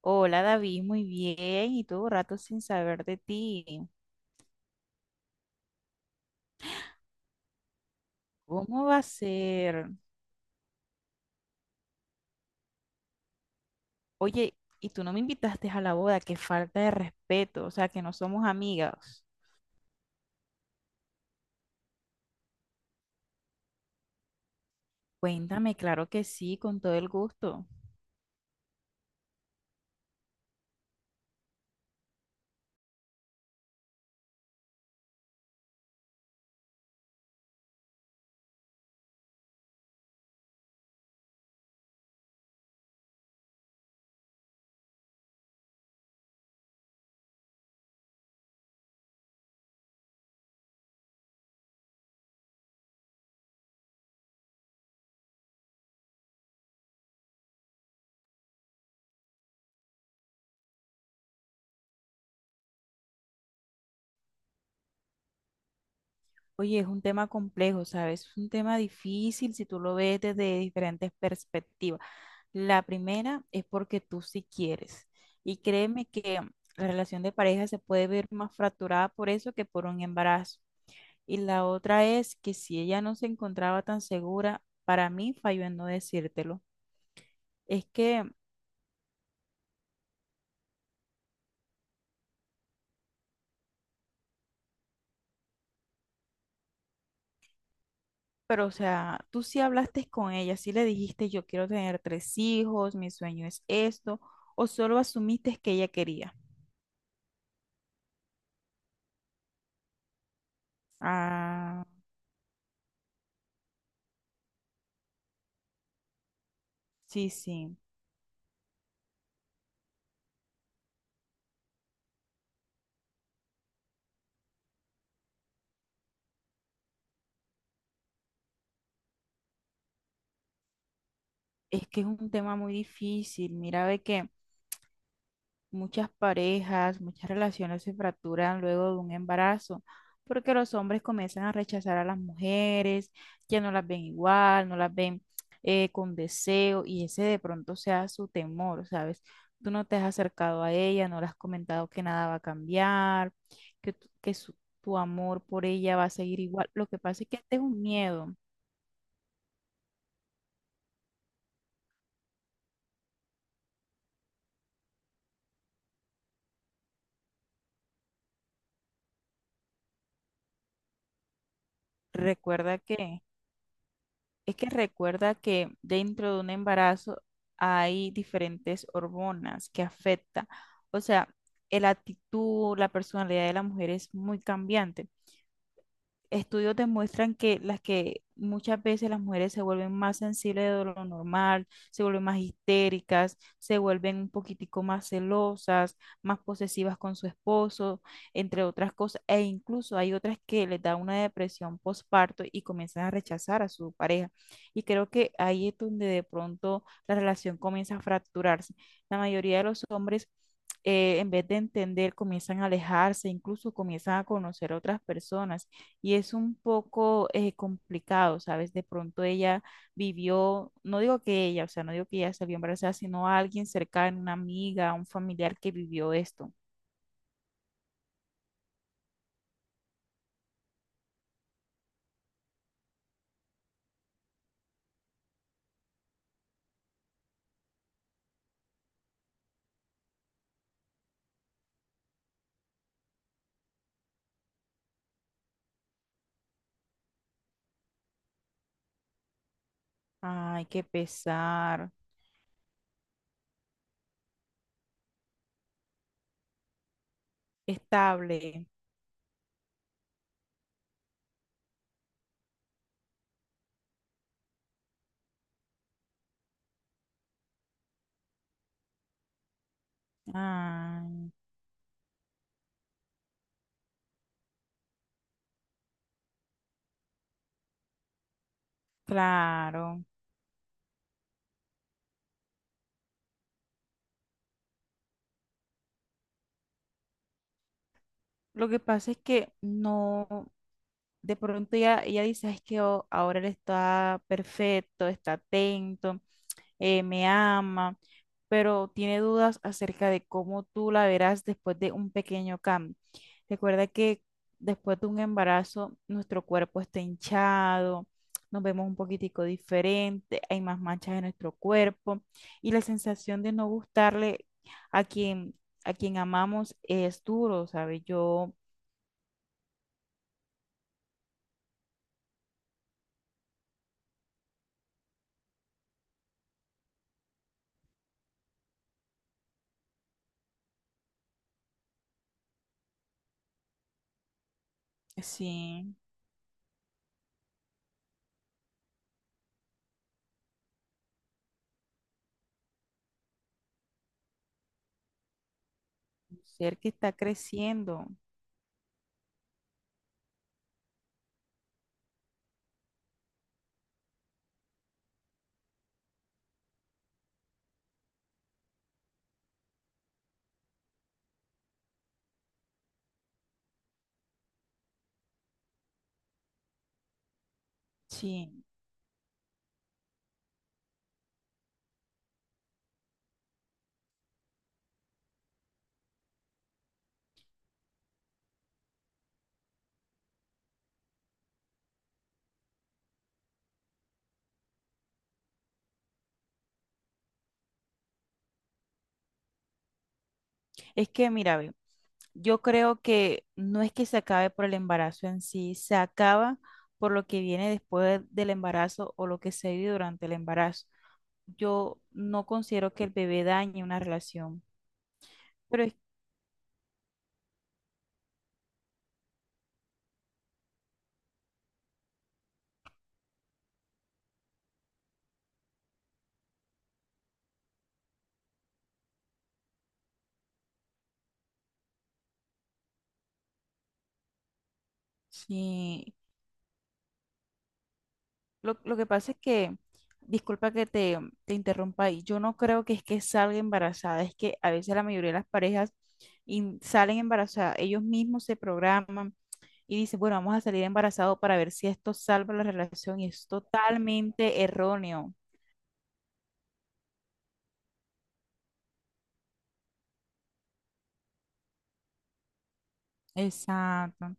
Hola David, muy bien. Y todo rato sin saber de ti. ¿Cómo va a ser? Oye, y tú no me invitaste a la boda, qué falta de respeto, o sea, que no somos amigas. Cuéntame, claro que sí, con todo el gusto. Oye, es un tema complejo, ¿sabes? Es un tema difícil si tú lo ves desde diferentes perspectivas. La primera es porque tú sí quieres. Y créeme que la relación de pareja se puede ver más fracturada por eso que por un embarazo. Y la otra es que si ella no se encontraba tan segura, para mí falló en no decírtelo. Es que, pero o sea, tú sí hablaste con ella, sí le dijiste yo quiero tener tres hijos, mi sueño es esto, o solo asumiste que ella quería. Ah, sí, sí. Es que es un tema muy difícil. Mira, ve que muchas parejas, muchas relaciones se fracturan luego de un embarazo, porque los hombres comienzan a rechazar a las mujeres, ya no las ven igual, no las ven con deseo, y ese de pronto sea su temor, ¿sabes? Tú no te has acercado a ella, no le has comentado que nada va a cambiar, que tu amor por ella va a seguir igual. Lo que pasa es que este es un miedo. Recuerda que es que recuerda que dentro de un embarazo hay diferentes hormonas que afectan. O sea, la actitud, la personalidad de la mujer es muy cambiante, estudios demuestran que las que muchas veces las mujeres se vuelven más sensibles de lo normal, se vuelven más histéricas, se vuelven un poquitico más celosas, más posesivas con su esposo, entre otras cosas, e incluso hay otras que les da una depresión postparto y comienzan a rechazar a su pareja. Y creo que ahí es donde de pronto la relación comienza a fracturarse. La mayoría de los hombres, en vez de entender, comienzan a alejarse, incluso comienzan a conocer a otras personas y es un poco complicado, ¿sabes? De pronto ella vivió, no digo que ella, o sea, no digo que ella salió embarazada, sino a alguien cercano, una amiga, un familiar que vivió esto. Ay, qué pesar. Estable. Ay, claro. Lo que pasa es que no, de pronto ella dice, es que oh, ahora él está perfecto, está atento, me ama, pero tiene dudas acerca de cómo tú la verás después de un pequeño cambio. Recuerda que después de un embarazo, nuestro cuerpo está hinchado, nos vemos un poquitico diferente, hay más manchas en nuestro cuerpo y la sensación de no gustarle a quien, a quien amamos es duro, ¿sabes? Yo, sí, un ser que está creciendo, sí. Es que, mira, ve. Yo creo que no es que se acabe por el embarazo en sí, se acaba por lo que viene después del embarazo o lo que se vive durante el embarazo. Yo no considero que el bebé dañe una relación, pero es- sí, lo que pasa es que, disculpa que te interrumpa ahí, yo no creo que es que salga embarazada, es que a veces la mayoría de las parejas in- salen embarazadas, ellos mismos se programan y dice, bueno, vamos a salir embarazados para ver si esto salva la relación y es totalmente erróneo. Exacto.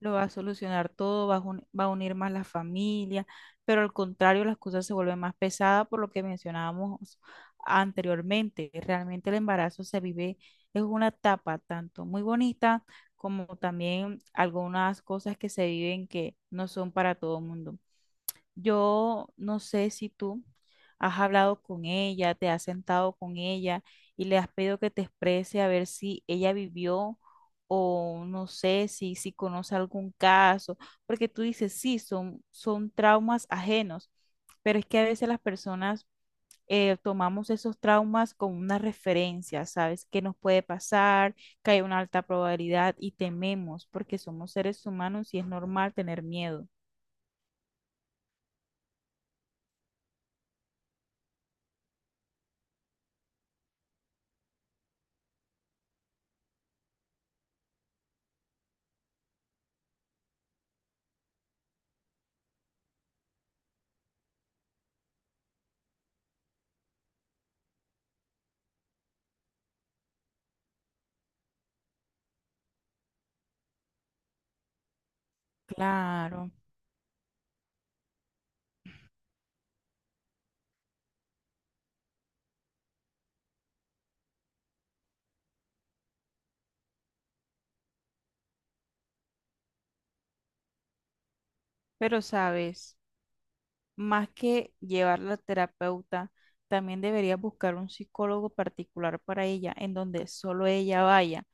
Lo va a solucionar todo, va a, jun- va a unir más la familia, pero al contrario, las cosas se vuelven más pesadas por lo que mencionábamos anteriormente. Realmente el embarazo se vive, es una etapa tanto muy bonita como también algunas cosas que se viven que no son para todo el mundo. Yo no sé si tú has hablado con ella, te has sentado con ella y le has pedido que te exprese a ver si ella vivió o no sé si, si conoce algún caso, porque tú dices, sí, son traumas ajenos, pero es que a veces las personas, tomamos esos traumas como una referencia, ¿sabes? Que nos puede pasar, que hay una alta probabilidad y tememos, porque somos seres humanos y es normal tener miedo. Claro. Pero sabes, más que llevarla a terapeuta, también debería buscar un psicólogo particular para ella, en donde solo ella vaya,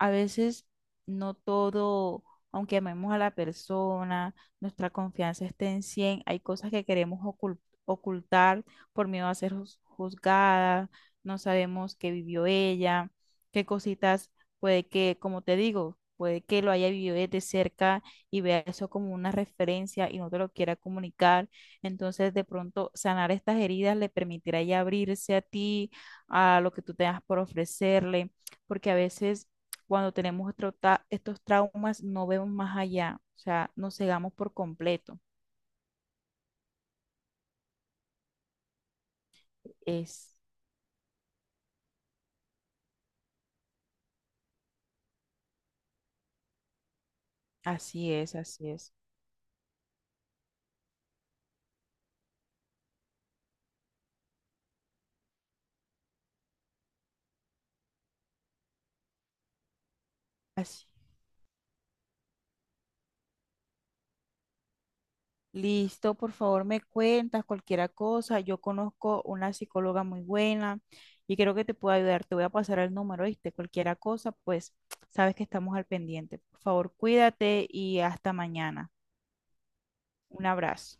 a veces no todo, aunque amemos a la persona, nuestra confianza esté en cien, hay cosas que queremos ocultar por miedo a ser juzgada, no sabemos qué vivió ella, qué cositas puede que, como te digo, puede que lo haya vivido desde cerca y vea eso como una referencia y no te lo quiera comunicar. Entonces, de pronto, sanar estas heridas le permitirá ya abrirse a ti, a lo que tú tengas por ofrecerle, porque a veces cuando tenemos nuestro estos traumas no vemos más allá, o sea, nos cegamos por completo. Es, así es, así es, así. Listo, por favor, me cuentas cualquier cosa. Yo conozco una psicóloga muy buena y creo que te puedo ayudar. Te voy a pasar el número, ¿viste? Cualquier cosa, pues sabes que estamos al pendiente. Por favor, cuídate y hasta mañana. Un abrazo.